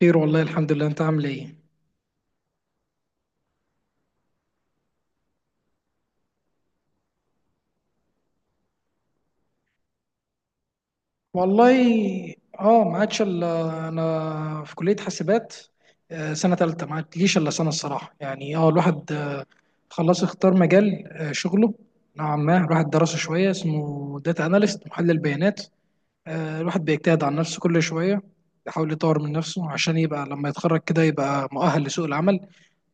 خير، والله الحمد لله. انت عامل ايه؟ والله، اه ما عادش الا انا في كليه حاسبات. سنه ثالثه، ما عادليش الا سنه الصراحه يعني. اه الواحد خلاص اختار مجال شغله نوعا ما الواحد درسه شويه، اسمه داتا اناليست، محلل بيانات. الواحد بيجتهد على نفسه كل شويه، يحاول يطور من نفسه عشان يبقى لما يتخرج كده يبقى مؤهل لسوق العمل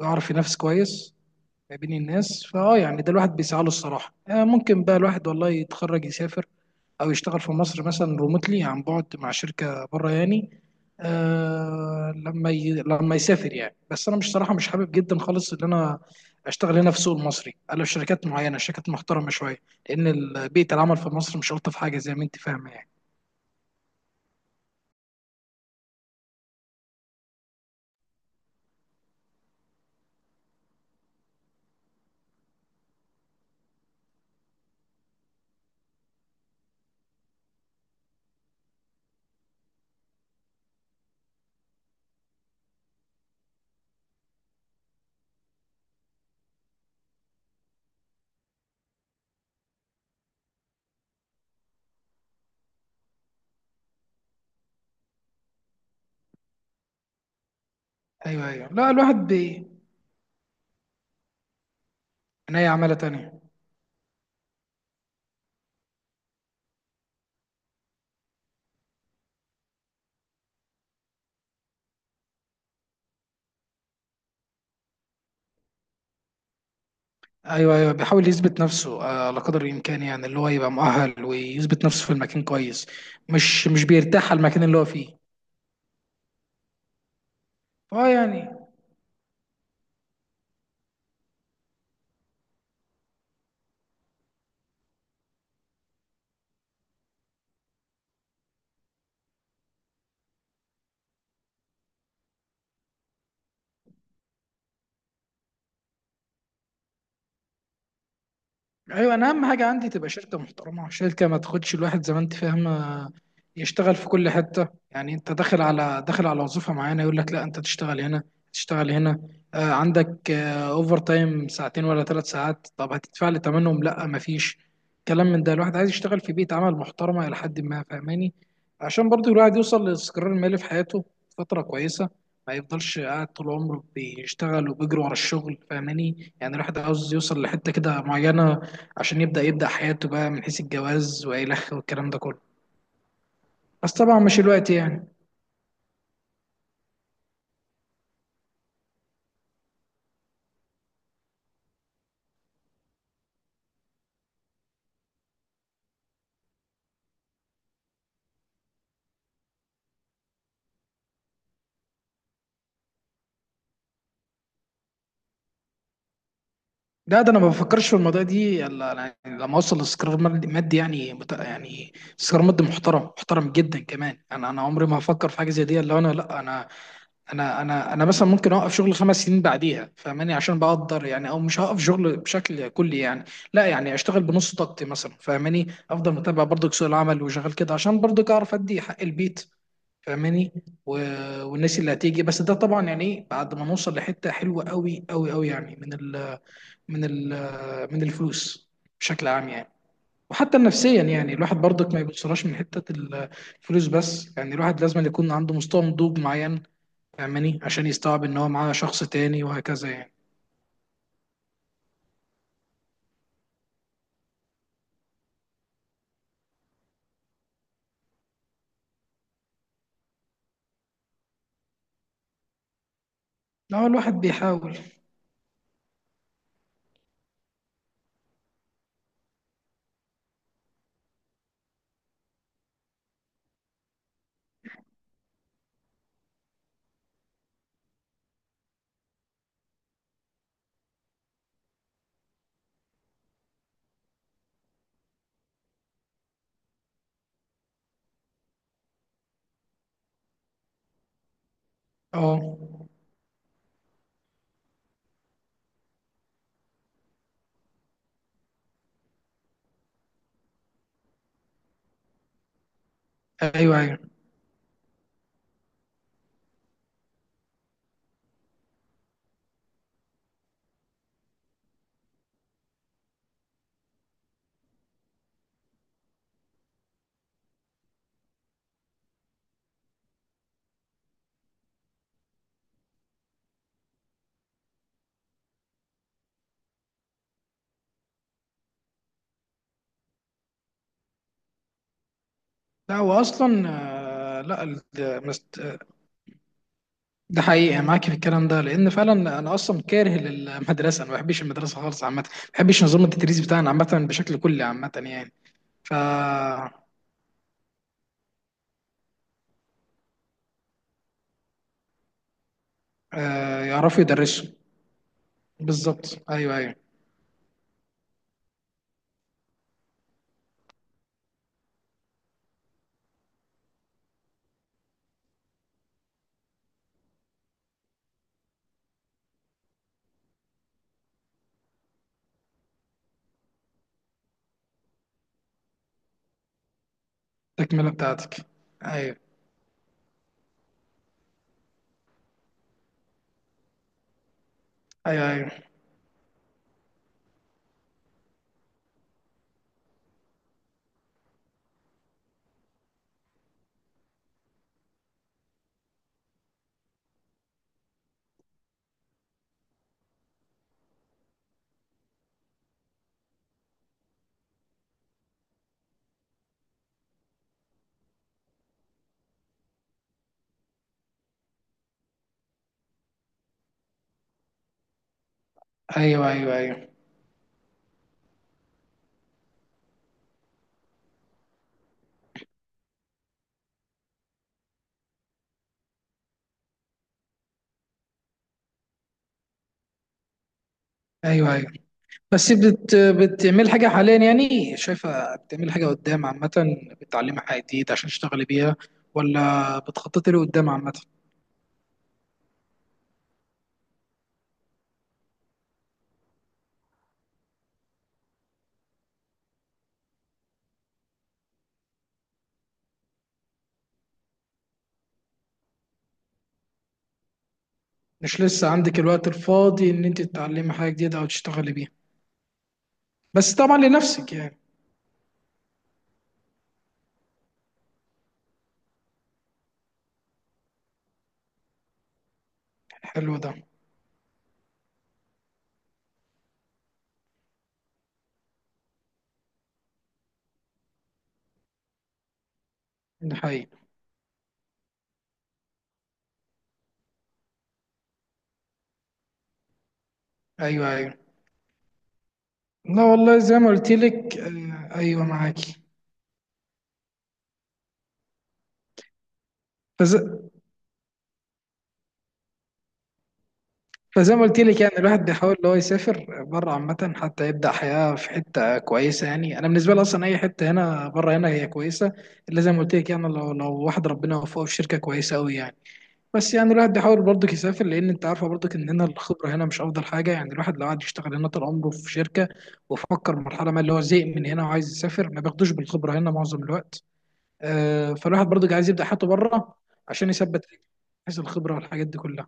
ويعرف ينافس كويس ما بين الناس. فاه يعني ده الواحد بيسعى له الصراحه. ممكن بقى الواحد والله يتخرج يسافر، او يشتغل في مصر مثلا ريموتلي، عن بعد، مع شركه بره يعني لما يسافر يعني. بس انا مش، صراحه مش حابب جدا خالص ان انا اشتغل هنا في السوق المصري الا في شركات معينه، شركات محترمه شويه، لان بيئه العمل في مصر مش الطف حاجه زي ما انت فاهمه يعني. ايوه، ايوه، لا الواحد عينيا عماله تانيه. ايوه، ايوه، بيحاول يثبت نفسه على قدر الامكان يعني، اللي هو يبقى مؤهل ويثبت نفسه في المكان كويس. مش بيرتاح على المكان اللي هو فيه. اه يعني. ايوه، انا اهم حاجه عندي تبقى شركه محترمه، شركه ما تاخدش الواحد زي ما انت فاهمه يشتغل في كل حته. يعني انت داخل على وظيفه معينه، يقول لك لا انت تشتغل هنا، تشتغل هنا. عندك اوفر تايم ساعتين ولا 3 ساعات، طب هتدفع لي ثمنهم؟ لا، ما فيش كلام من ده. الواحد عايز يشتغل في بيئه عمل محترمه الى حد ما، فاهماني؟ عشان برضو الواحد يوصل للاستقرار المالي في حياته فتره كويسه، ما يفضلش قاعد طول عمره بيشتغل وبيجري ورا الشغل، فاهماني يعني. الواحد عاوز يوصل لحته كده معينه عشان يبدأ حياته بقى، من حيث الجواز والخ والكلام ده كله، بس طبعا مش الوقت يعني. لا، ده انا ما بفكرش في الموضوع دي الا أنا لما اوصل لاستقرار مادي يعني، يعني استقرار مادي محترم، محترم جدا كمان. انا عمري ما هفكر في حاجه زي دي الا انا. لا انا انا انا انا مثلا ممكن اوقف شغل 5 سنين بعديها، فاهماني، عشان بقدر يعني. او مش هوقف شغل بشكل كلي يعني، لا يعني اشتغل بنص طاقتي مثلا، فاهماني. افضل متابع برضك سوق العمل وشغال كده عشان برضك اعرف ادي حق البيت فاهماني والناس اللي هتيجي. بس ده طبعا يعني ايه بعد ما نوصل لحته حلوه قوي قوي قوي يعني، من ال... من الفلوس بشكل عام يعني. وحتى نفسيا يعني الواحد برضك ما يبصلهاش من حته الفلوس بس يعني، الواحد لازم يكون عنده مستوى نضوج معين فاهماني عشان يستوعب ان هو معاه شخص تاني وهكذا يعني. لا هو الواحد بيحاول. اه، ايوه، ايوه. لا هو اصلا لا ده حقيقة معاك في الكلام ده، لأن فعلا أنا أصلا كاره للمدرسة. أنا ما بحبش المدرسة خالص عامة، ما بحبش نظام التدريس بتاعنا عامة بشكل كلي عامة يعني. ف يعرفوا يدرسوا. بالظبط، أيوه أيوه. تكملة بتاعتك. أيوه أيوه أيوه أيوه أيوه أيوه أيوه أيوه. بس بتعمل حاجة حاليا يعني؟ شايفة بتعمل حاجة قدام عامة، بتعلمي حاجة جديدة عشان تشتغلي بيها، ولا بتخططي لقدام عامة؟ مش لسه عندك الوقت الفاضي إن أنت تتعلمي حاجة جديدة أو تشتغلي بيها؟ بس طبعا لنفسك يعني. حلو ده. ده حقيقي. ايوه ايوه. لا والله، زي ما قلت لك ايوه، معاكي. فز... فزي ما قلت لك، يعني الواحد بيحاول ان هو يسافر بره عامه، حتى يبدا حياه في حته كويسه يعني. انا بالنسبه لي اصلا اي حته هنا بره هنا هي كويسه، الا زي ما قلت لك يعني، لو واحد ربنا وفقه في شركه كويسه قوي يعني. بس يعني الواحد بيحاول برضك يسافر، لان انت عارفه برضك ان هنا الخبره هنا مش افضل حاجه يعني. الواحد لو قعد يشتغل هنا طول عمره في شركه وفكر مرحله ما اللي هو زهق من هنا وعايز يسافر، ما بياخدوش بالخبره هنا معظم الوقت. فالواحد برضك عايز يبدا حياته بره، عشان يثبت رجله حيث الخبره والحاجات دي كلها.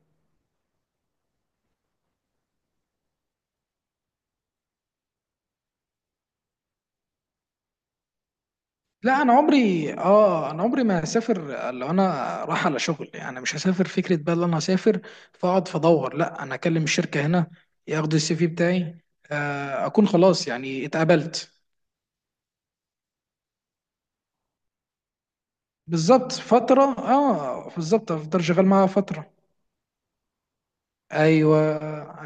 لا انا عمري، انا عمري ما هسافر لو انا رايح على شغل. يعني مش هسافر فكره بقى ان انا هسافر فاقعد فادور. لا، انا اكلم الشركه هنا ياخدوا السي في بتاعي، اكون خلاص يعني اتقبلت. بالظبط فترة، اه بالظبط، افضل شغال معاها فترة. ايوه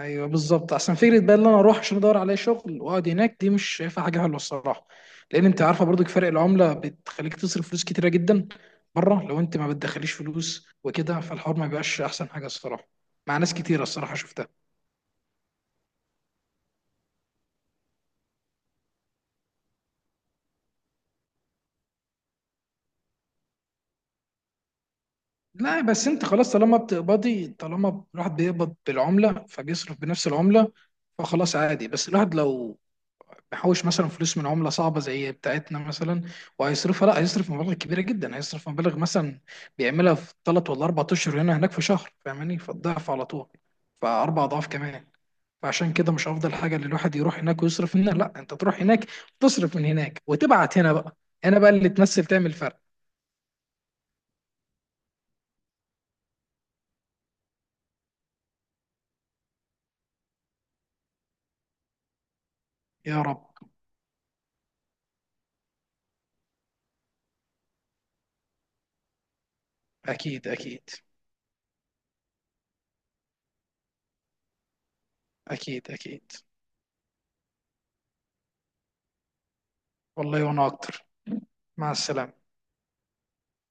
ايوه بالظبط. احسن فكرة بقى ان انا اروح عشان ادور على شغل واقعد هناك، دي مش شايفها حاجة حلوة الصراحة، لان انت عارفة برضو فرق العملة بتخليك تصرف فلوس كتيرة جدا بره. لو انت ما بتدخليش فلوس وكده، فالحوار ما بيبقاش احسن حاجة الصراحة، مع ناس كتيرة الصراحة شفتها. لا بس انت خلاص، طالما بتقبضي، طالما الواحد بيقبض بالعملة فبيصرف بنفس العملة، فخلاص عادي. بس الواحد لو محوش مثلا فلوس من عملة صعبة زي بتاعتنا مثلا وهيصرفها، لا هيصرف مبالغ كبيرة جدا. هيصرف مبالغ مثلا بيعملها في 3 ولا 4 أشهر هنا، هناك في شهر، فاهماني، فالضعف على طول. ف4 أضعاف كمان. فعشان كده مش أفضل حاجة إن الواحد يروح هناك ويصرف هنا. لا، أنت تروح هناك، تصرف من هناك وتبعت هنا بقى. هنا بقى اللي تمثل تعمل فرق. يا رب. أكيد، أكيد. أكيد، أكيد. والله، وأنا أكتر. مع السلامة.